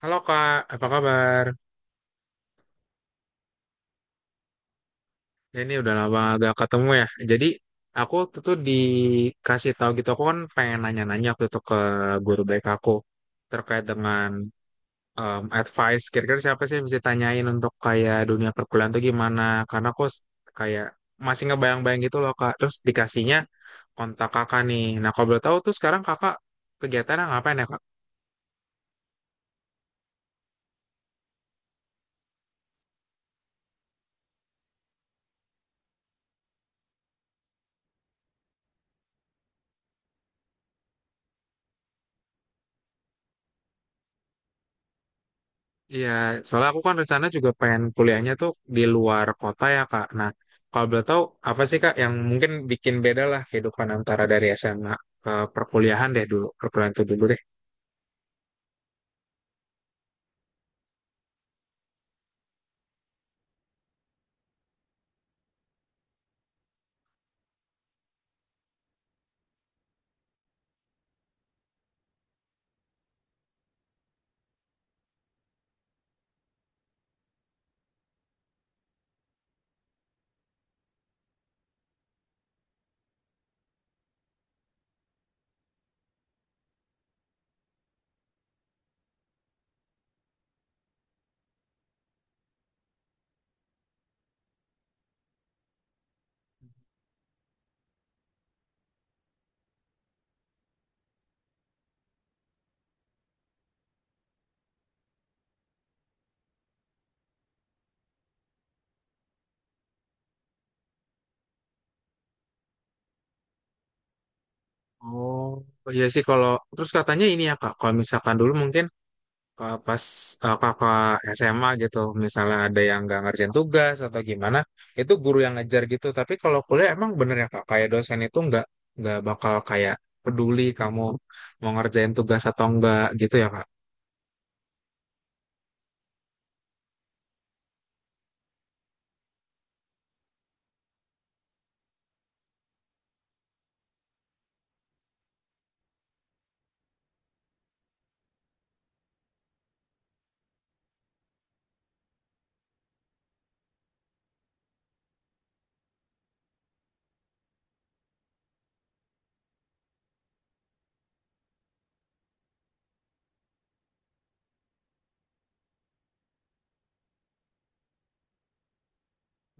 Halo Kak, apa kabar? Ya, ini udah lama gak ketemu ya. Jadi aku tuh dikasih tahu gitu, aku kan pengen nanya-nanya waktu itu ke guru baik aku terkait dengan advice. Kira-kira siapa sih yang bisa tanyain untuk kayak dunia perkuliahan tuh gimana? Karena aku kayak masih ngebayang-bayang gitu loh Kak. Terus dikasihnya kontak kakak nih. Nah kalau boleh tahu tuh sekarang kakak kegiatannya ngapain ya. Iya, soalnya aku kan rencana juga pengen kuliahnya tuh di luar kota ya, Kak. Nah, kalau boleh tahu apa sih, Kak, yang mungkin bikin beda lah kehidupan antara dari SMA ke perkuliahan deh dulu, perkuliahan itu dulu deh. Oh, iya sih kalau terus katanya ini ya, Kak, kalau misalkan dulu mungkin pas Kakak SMA gitu, misalnya ada yang nggak ngerjain tugas atau gimana, itu guru yang ngejar gitu. Tapi kalau kuliah emang bener ya, Kak, kayak dosen itu nggak bakal kayak peduli kamu mau ngerjain tugas atau enggak gitu ya, Kak.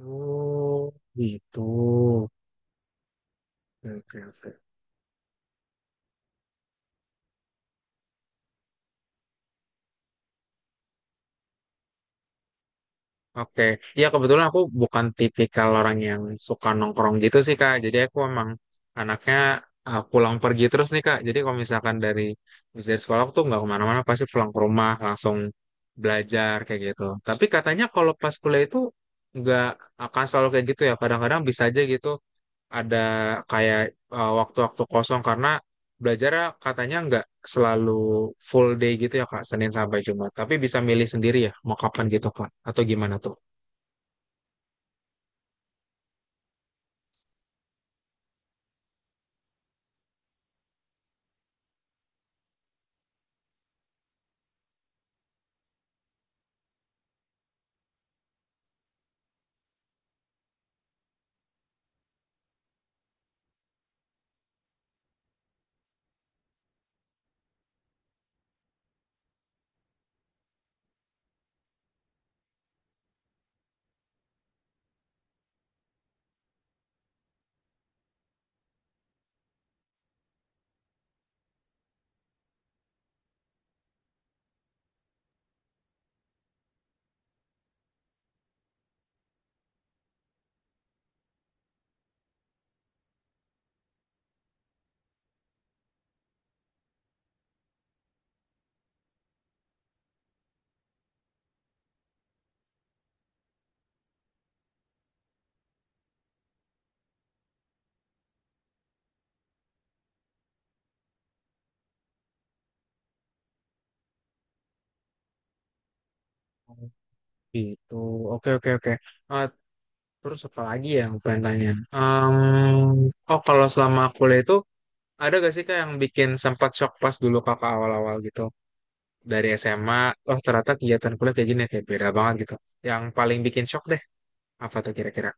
Oh, gitu. Oke, oke, oke. Oke. Ya kebetulan aku bukan tipikal orang yang suka nongkrong gitu sih, Kak. Jadi aku emang anaknya pulang pergi terus nih, Kak. Jadi kalau misalkan dari habis dari sekolah aku tuh nggak kemana-mana, pasti pulang ke rumah langsung belajar kayak gitu. Tapi katanya kalau pas kuliah itu nggak akan selalu kayak gitu ya. Kadang-kadang bisa aja gitu ada kayak waktu-waktu kosong karena belajar ya, katanya nggak selalu full day gitu ya Kak, Senin sampai Jumat. Tapi bisa milih sendiri ya, mau kapan gitu Kak, atau gimana tuh? Oh, gitu, oke, oke, oke. Eh, terus apa lagi ya yang pengen tanya? Em, oh kalau selama kuliah itu, ada gak sih Kak yang bikin sempat shock pas dulu Kakak awal-awal gitu? Dari SMA, oh ternyata kegiatan kuliah kayak gini, ya, kayak beda banget gitu. Yang paling bikin shock deh, apa tuh kira-kira?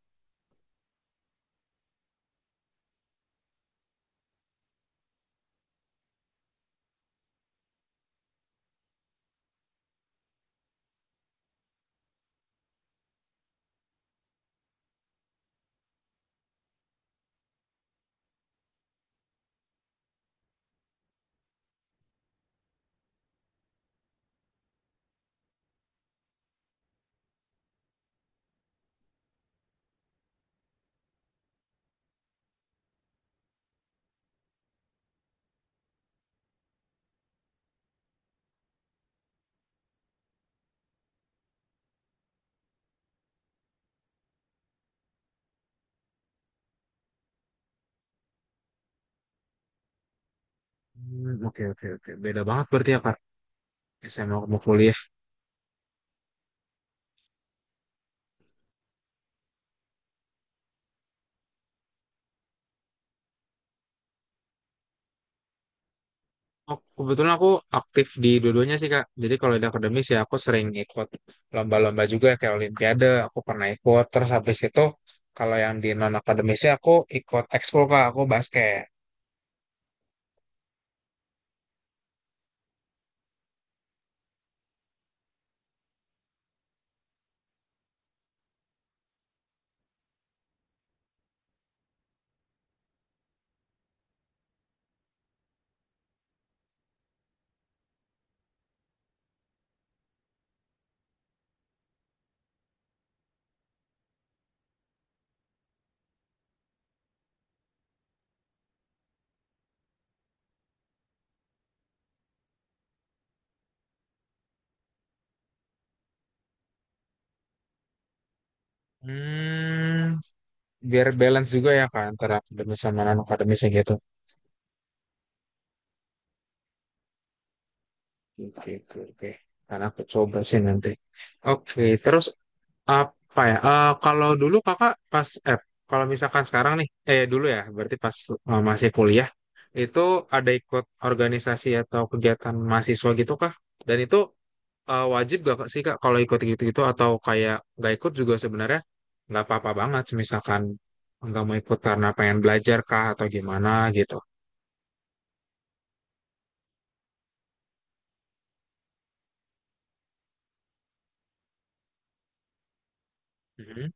Hmm, oke, oke, oke, beda banget berarti ya Kak. SMA mau kuliah. Oh, kebetulan aku aktif di dua-duanya sih Kak. Jadi kalau di akademis ya aku sering ikut lomba-lomba juga kayak Olimpiade, aku pernah ikut. Terus habis itu kalau yang di non akademisnya aku ikut ekskul Kak, aku basket. Hmm, biar balance juga ya Kak antara akademis sama non akademisnya gitu. Oke, oke, oke. Karena aku coba sih nanti. Oke, terus apa ya? Kalau dulu kakak pas eh kalau misalkan sekarang nih, dulu ya, berarti pas masih kuliah itu ada ikut organisasi atau kegiatan mahasiswa gitu kah? Dan itu wajib gak Kak, sih kak kalau ikut gitu-gitu atau kayak nggak ikut juga sebenarnya nggak apa-apa banget, misalkan nggak mau ikut karena pengen belajar kah atau gimana gitu. Mhm.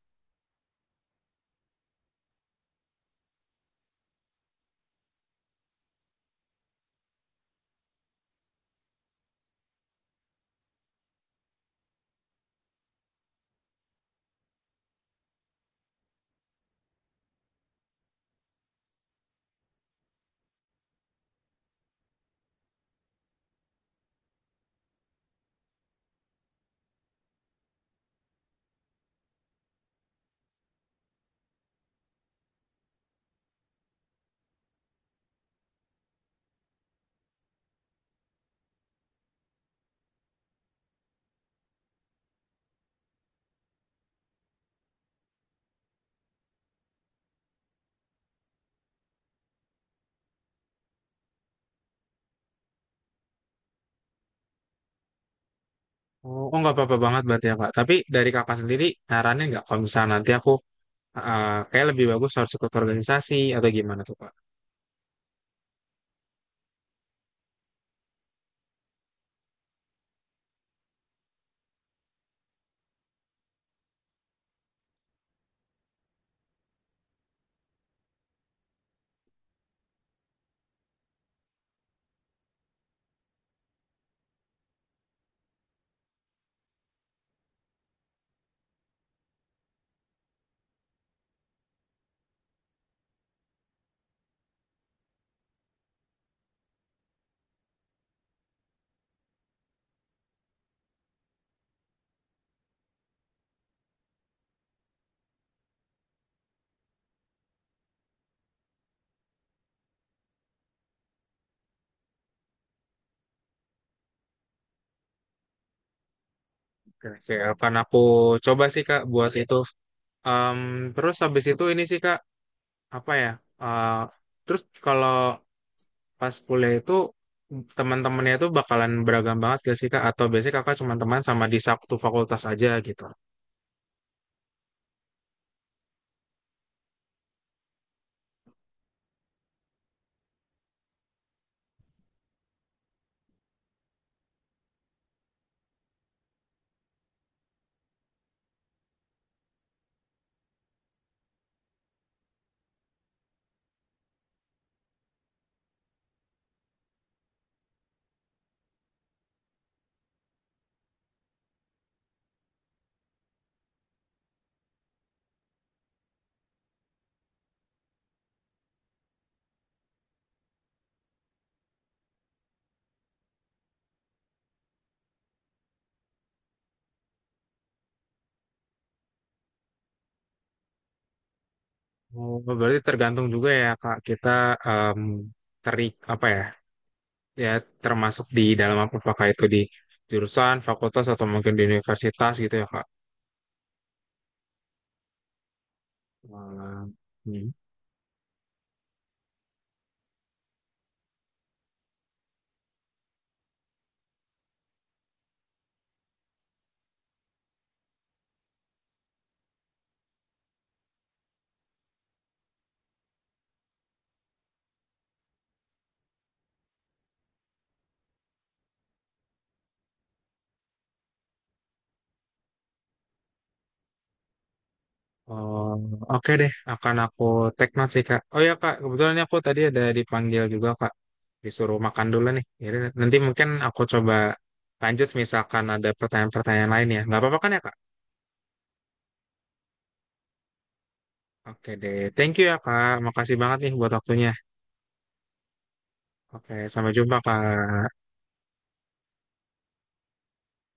Oh, oh, nggak apa-apa banget berarti ya kak. Tapi dari kakak sendiri nyaranin nggak kalau misalnya nanti aku kayak lebih bagus harus ikut organisasi atau gimana tuh kak? Oke, akan aku coba sih Kak buat itu. Em, terus habis itu ini sih Kak, apa ya? Eh, terus kalau pas kuliah itu teman-temannya itu bakalan beragam banget gak sih Kak? Atau biasanya Kakak cuma teman sama di satu fakultas aja gitu? Oh, berarti tergantung juga ya Kak, kita em, terik apa ya? Ya termasuk di dalam apa apakah itu di jurusan, fakultas atau mungkin di universitas gitu ya Kak? Wah, hmm. Oh, oke deh, akan aku take note sih Kak. Oh ya Kak, kebetulan ini aku tadi ada dipanggil juga Kak, disuruh makan dulu nih. Jadi nanti mungkin aku coba lanjut misalkan ada pertanyaan-pertanyaan lain ya. Nggak apa-apa kan ya Kak? Oke deh, thank you ya Kak. Makasih banget nih buat waktunya. Oke, sampai jumpa Kak.